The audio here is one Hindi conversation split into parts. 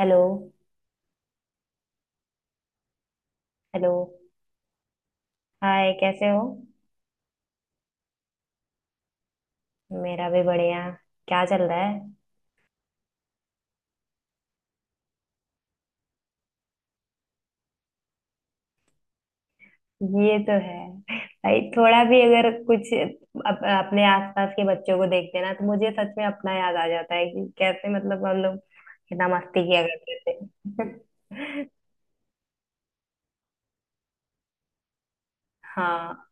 हेलो। हेलो। हाय, कैसे हो? मेरा भी बढ़िया। क्या चल रहा है? ये तो है भाई। थोड़ा भी अगर कुछ अपने आसपास के बच्चों को देखते हैं ना, तो मुझे सच में अपना याद आ जाता है कि कैसे मतलब हम लोग कितना मस्ती किया करते थे। हाँ,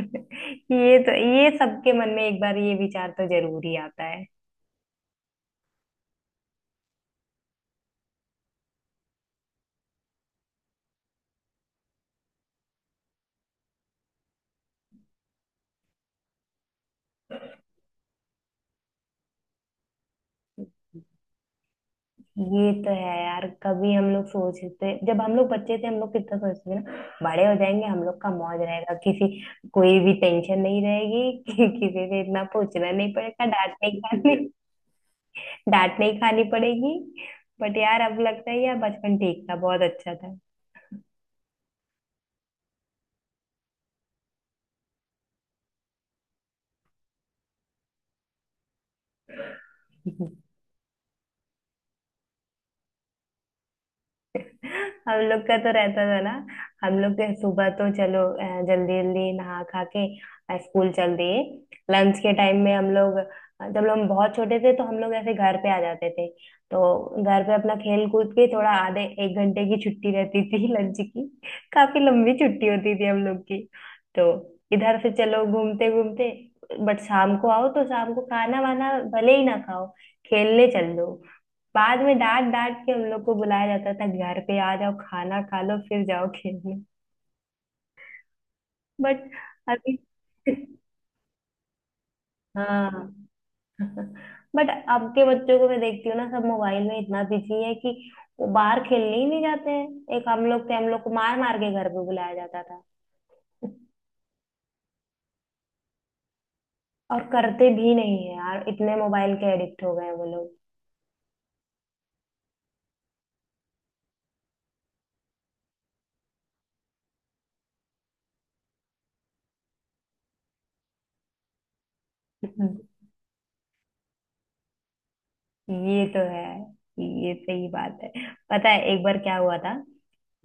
ये तो ये सबके मन में एक बार ये विचार तो जरूर ही आता है। ये तो है यार। कभी हम लोग सोचते, जब हम लोग बच्चे थे हम लोग कितना सोचते थे ना, बड़े हो जाएंगे हम लोग का मौज रहेगा, किसी कोई भी टेंशन नहीं रहेगी कि, किसी से इतना पूछना नहीं पड़ेगा, डांट नहीं खानी। डांट नहीं खानी पड़ेगी। बट यार, अब लगता है यार बचपन ठीक था, बहुत अच्छा था। हम लोग का तो रहता था ना। हम लोग के सुबह तो चलो, जल्दी जल्दी नहा खा के स्कूल चल दिए। लंच के टाइम में हम लोग जब हम बहुत छोटे थे तो हम लोग ऐसे घर पे आ जाते थे। तो घर पे अपना खेल कूद के थोड़ा आधे एक घंटे की छुट्टी रहती थी लंच की। काफी लंबी छुट्टी होती थी हम लोग की। तो इधर से चलो, घूमते घूमते। बट शाम को आओ तो शाम को खाना वाना भले ही ना खाओ, खेलने चल दो। बाद में डांट डांट के हम लोग को बुलाया जाता था। घर पे आ जाओ, खाना खा लो फिर जाओ खेलने। बट अभी हाँ। बट अब के बच्चों को मैं देखती हूँ ना, सब मोबाइल में इतना बिजी है कि वो बाहर खेलने ही नहीं जाते हैं। एक हम लोग थे, हम लोग को मार मार के घर पे बुलाया जाता था। और करते भी नहीं है यार, इतने मोबाइल के एडिक्ट हो गए हैं वो लोग। ये तो है, ये सही बात है। पता है एक बार क्या हुआ था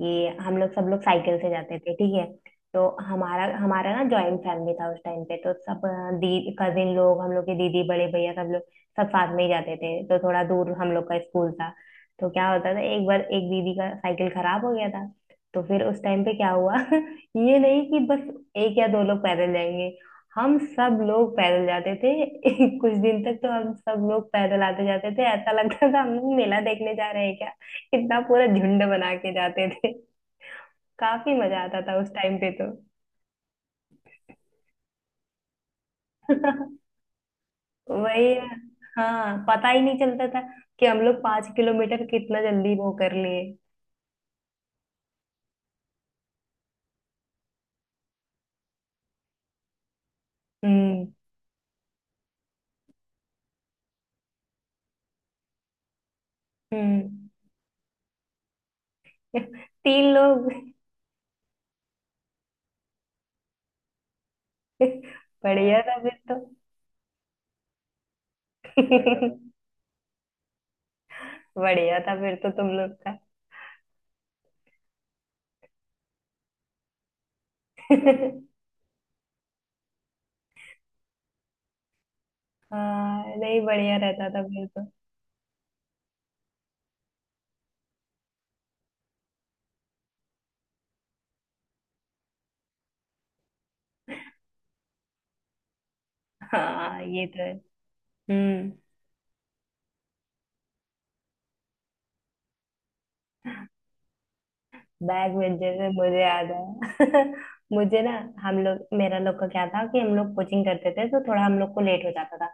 कि हम लोग सब लोग साइकिल से जाते थे, ठीक है? तो हमारा हमारा ना जॉइंट फैमिली था उस टाइम पे, तो सब दी कजिन लोग, हम लोग के दीदी, बड़े भैया, सब लोग सब साथ में ही जाते थे। तो थोड़ा दूर हम लोग का स्कूल था। तो क्या होता था, एक बार एक दीदी का साइकिल खराब हो गया था। तो फिर उस टाइम पे क्या हुआ ये नहीं कि बस एक या दो लोग पैदल जाएंगे, हम सब लोग पैदल जाते थे। कुछ दिन तक तो हम सब लोग पैदल आते जाते थे, ऐसा लगता था हम लोग मेला देखने जा रहे हैं। कितना पूरा झुंड बना के जाते थे। काफी मजा आता था उस टाइम पे तो। वही है, हाँ। पता ही नहीं चलता था कि हम लोग 5 किलोमीटर कितना जल्दी वो कर लिए। हम्म। हम्म। तीन लोग। बढ़िया था फिर तो। बढ़िया था फिर तो तुम लोग का। हाँ नहीं, बढ़िया रहता था फिर तो। हाँ ये तो है। हम्म। बैग भेजे से मुझे याद है। मुझे ना, हम लोग मेरा लोग का क्या था कि हम लोग कोचिंग करते थे, तो थोड़ा हम लोग को लेट हो जाता था।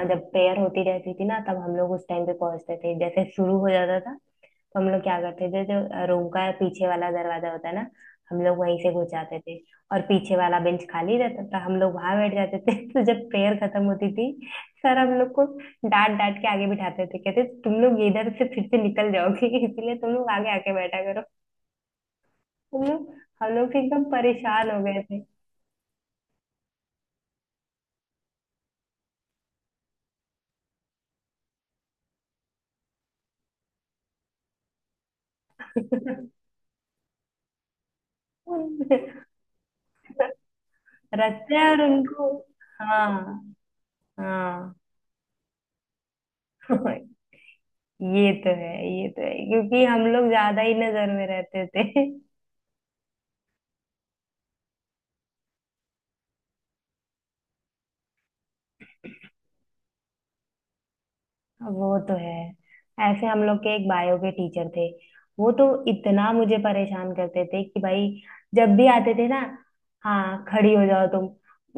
और जब प्रेयर होती रहती थी ना, तब हम लोग उस टाइम पे पहुंचते थे, जैसे शुरू हो जाता था तो हम लोग क्या करते थे, जो रूम का पीछे वाला दरवाजा होता है ना, हम लोग वहीं से घुस जाते थे। और पीछे वाला बेंच खाली रहता था, हम लोग वहां बैठ जाते थे। तो जब प्रेयर खत्म होती थी, सर हम लोग को डांट डांट के आगे बिठाते थे, कहते तुम लोग इधर से फिर से निकल जाओगे इसलिए तुम लोग आगे आके बैठा। हम लोग हम लोग एकदम परेशान हो गए थे। रखते हैं और उनको। हाँ। हाँ। ये तो है। ये तो है क्योंकि हम लोग ज्यादा ही नजर में रहते थे। वो तो है। ऐसे हम लोग के एक बायो के टीचर थे, वो तो इतना मुझे परेशान करते थे कि भाई, जब भी आते थे ना, हाँ खड़ी हो जाओ तुम।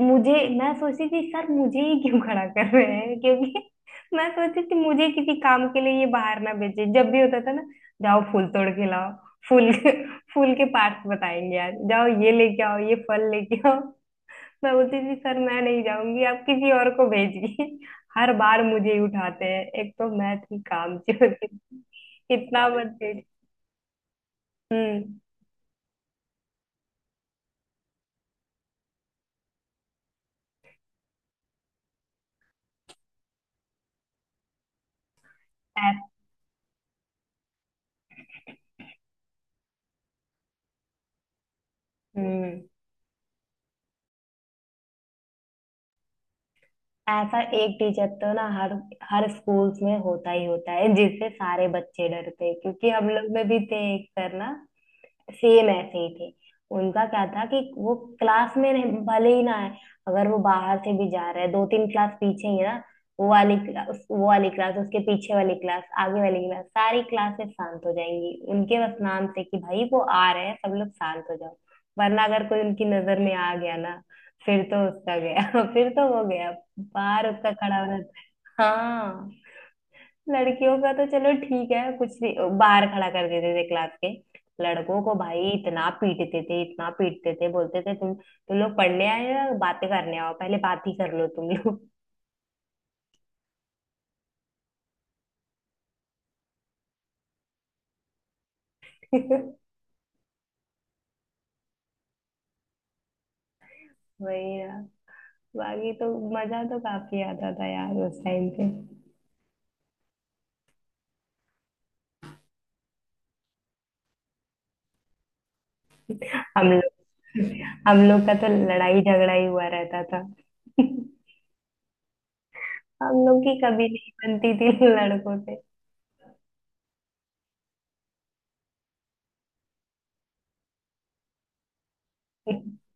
मुझे, मैं सोचती थी सर मुझे ही क्यों खड़ा कर रहे हैं, क्योंकि मैं सोचती थी मुझे किसी काम के लिए ये बाहर ना भेजे, जब भी होता था ना, जाओ फूल तोड़ के लाओ, फूल, फूल के पार्ट्स बताएंगे आज, जाओ ये लेके आओ, ये फल लेके आओ। मैं बोलती थी सर मैं नहीं जाऊंगी, आप किसी और को भेजिए। हर बार मुझे ही उठाते हैं, एक तो मैं थी काम होती थी। इतना अरे मत भेज। हम्म। ऐस- हम्म, ऐसा एक टीचर तो ना हर हर स्कूल्स में होता ही होता है, जिससे सारे बच्चे डरते हैं। क्योंकि हम लोग में भी थे एक सर ना, सेम ऐसे ही थे। उनका क्या था कि वो क्लास में रहे भले ही ना आए, अगर वो बाहर से भी जा रहा है दो तीन क्लास पीछे ही है ना, वो वाली क्लास उसके पीछे वाली क्लास, आगे वाली क्लास, सारी क्लासेस शांत हो जाएंगी उनके बस नाम से, कि भाई वो आ रहे हैं सब लोग शांत हो जाओ। वरना अगर कोई उनकी नजर में आ गया ना, फिर तो उसका गया। फिर तो वो गया, बाहर उसका खड़ा होना। हाँ। लड़कियों का तो चलो ठीक है, कुछ नहीं बाहर खड़ा कर देते थे क्लास के। लड़कों को भाई इतना पीटते थे, इतना पीटते थे, बोलते थे तुम लोग पढ़ने आए हो या बातें करने आओ पहले बात ही कर लो तुम लोग। वही ना। बाकी तो मजा तो काफी आता था यार उस टाइम पे। हम लोग हम लोग का तो लड़ाई झगड़ा ही हुआ रहता था। हम लोग की कभी नहीं बनती थी लड़कों से।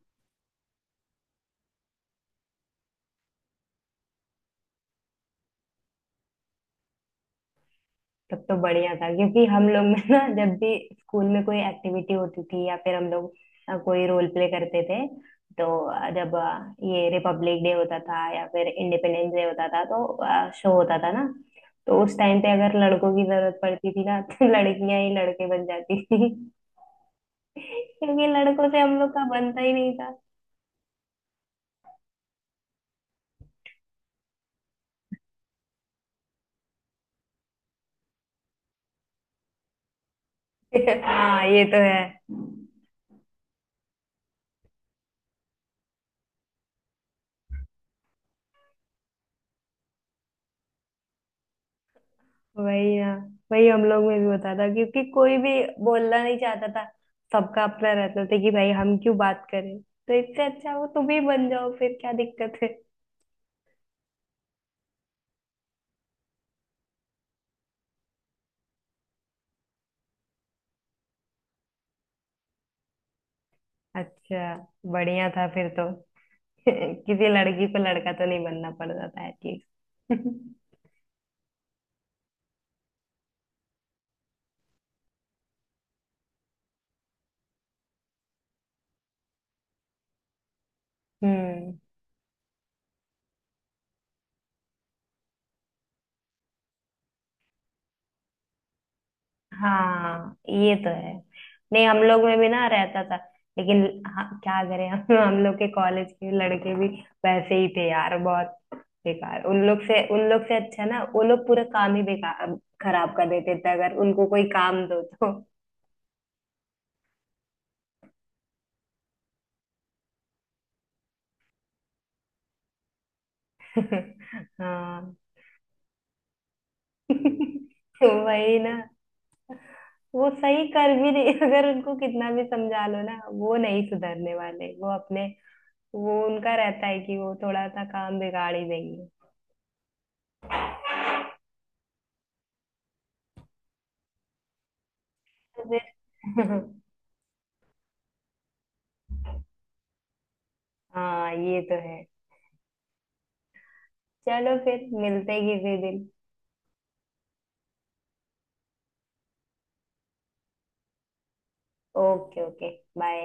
तब तो बढ़िया था क्योंकि हम लोग में ना, जब भी स्कूल में कोई एक्टिविटी होती थी या फिर हम लोग कोई रोल प्ले करते थे, तो जब ये रिपब्लिक डे होता था या फिर इंडिपेंडेंस डे होता था तो शो होता था ना, तो उस टाइम पे अगर लड़कों की जरूरत पड़ती थी ना तो लड़कियां ही लड़के बन जाती थी। क्योंकि लड़कों से हम लोग का बनता ही नहीं था। हाँ ये तो है। वही ना, वही हम लोग में भी होता था, क्योंकि कोई भी बोलना नहीं चाहता था। सबका अपना रहता था कि भाई हम क्यों बात करें, तो इससे अच्छा वो तुम ही बन जाओ, फिर क्या दिक्कत है? अच्छा, बढ़िया था फिर तो। किसी लड़की को लड़का तो नहीं बनना पड़ता था एटलीस्ट। हम्म। हाँ ये तो है। नहीं हम लोग में भी ना रहता था, लेकिन हाँ, क्या करें हम। हम लोग के कॉलेज के लड़के भी वैसे ही थे यार, बहुत बेकार। उन लोग से, उन लोग से अच्छा ना, वो लोग पूरा काम ही बेकार खराब कर देते थे अगर उनको कोई काम दो तो। हाँ। तो वही ना, वो सही कर भी नहीं, अगर उनको कितना भी समझा लो ना वो नहीं सुधरने वाले, वो अपने वो उनका रहता है कि वो थोड़ा सा काम बिगाड़ ही देंगे। फिर हाँ ये तो है। चलो फिर मिलते हैं किसी दिन। Okay okay, bye.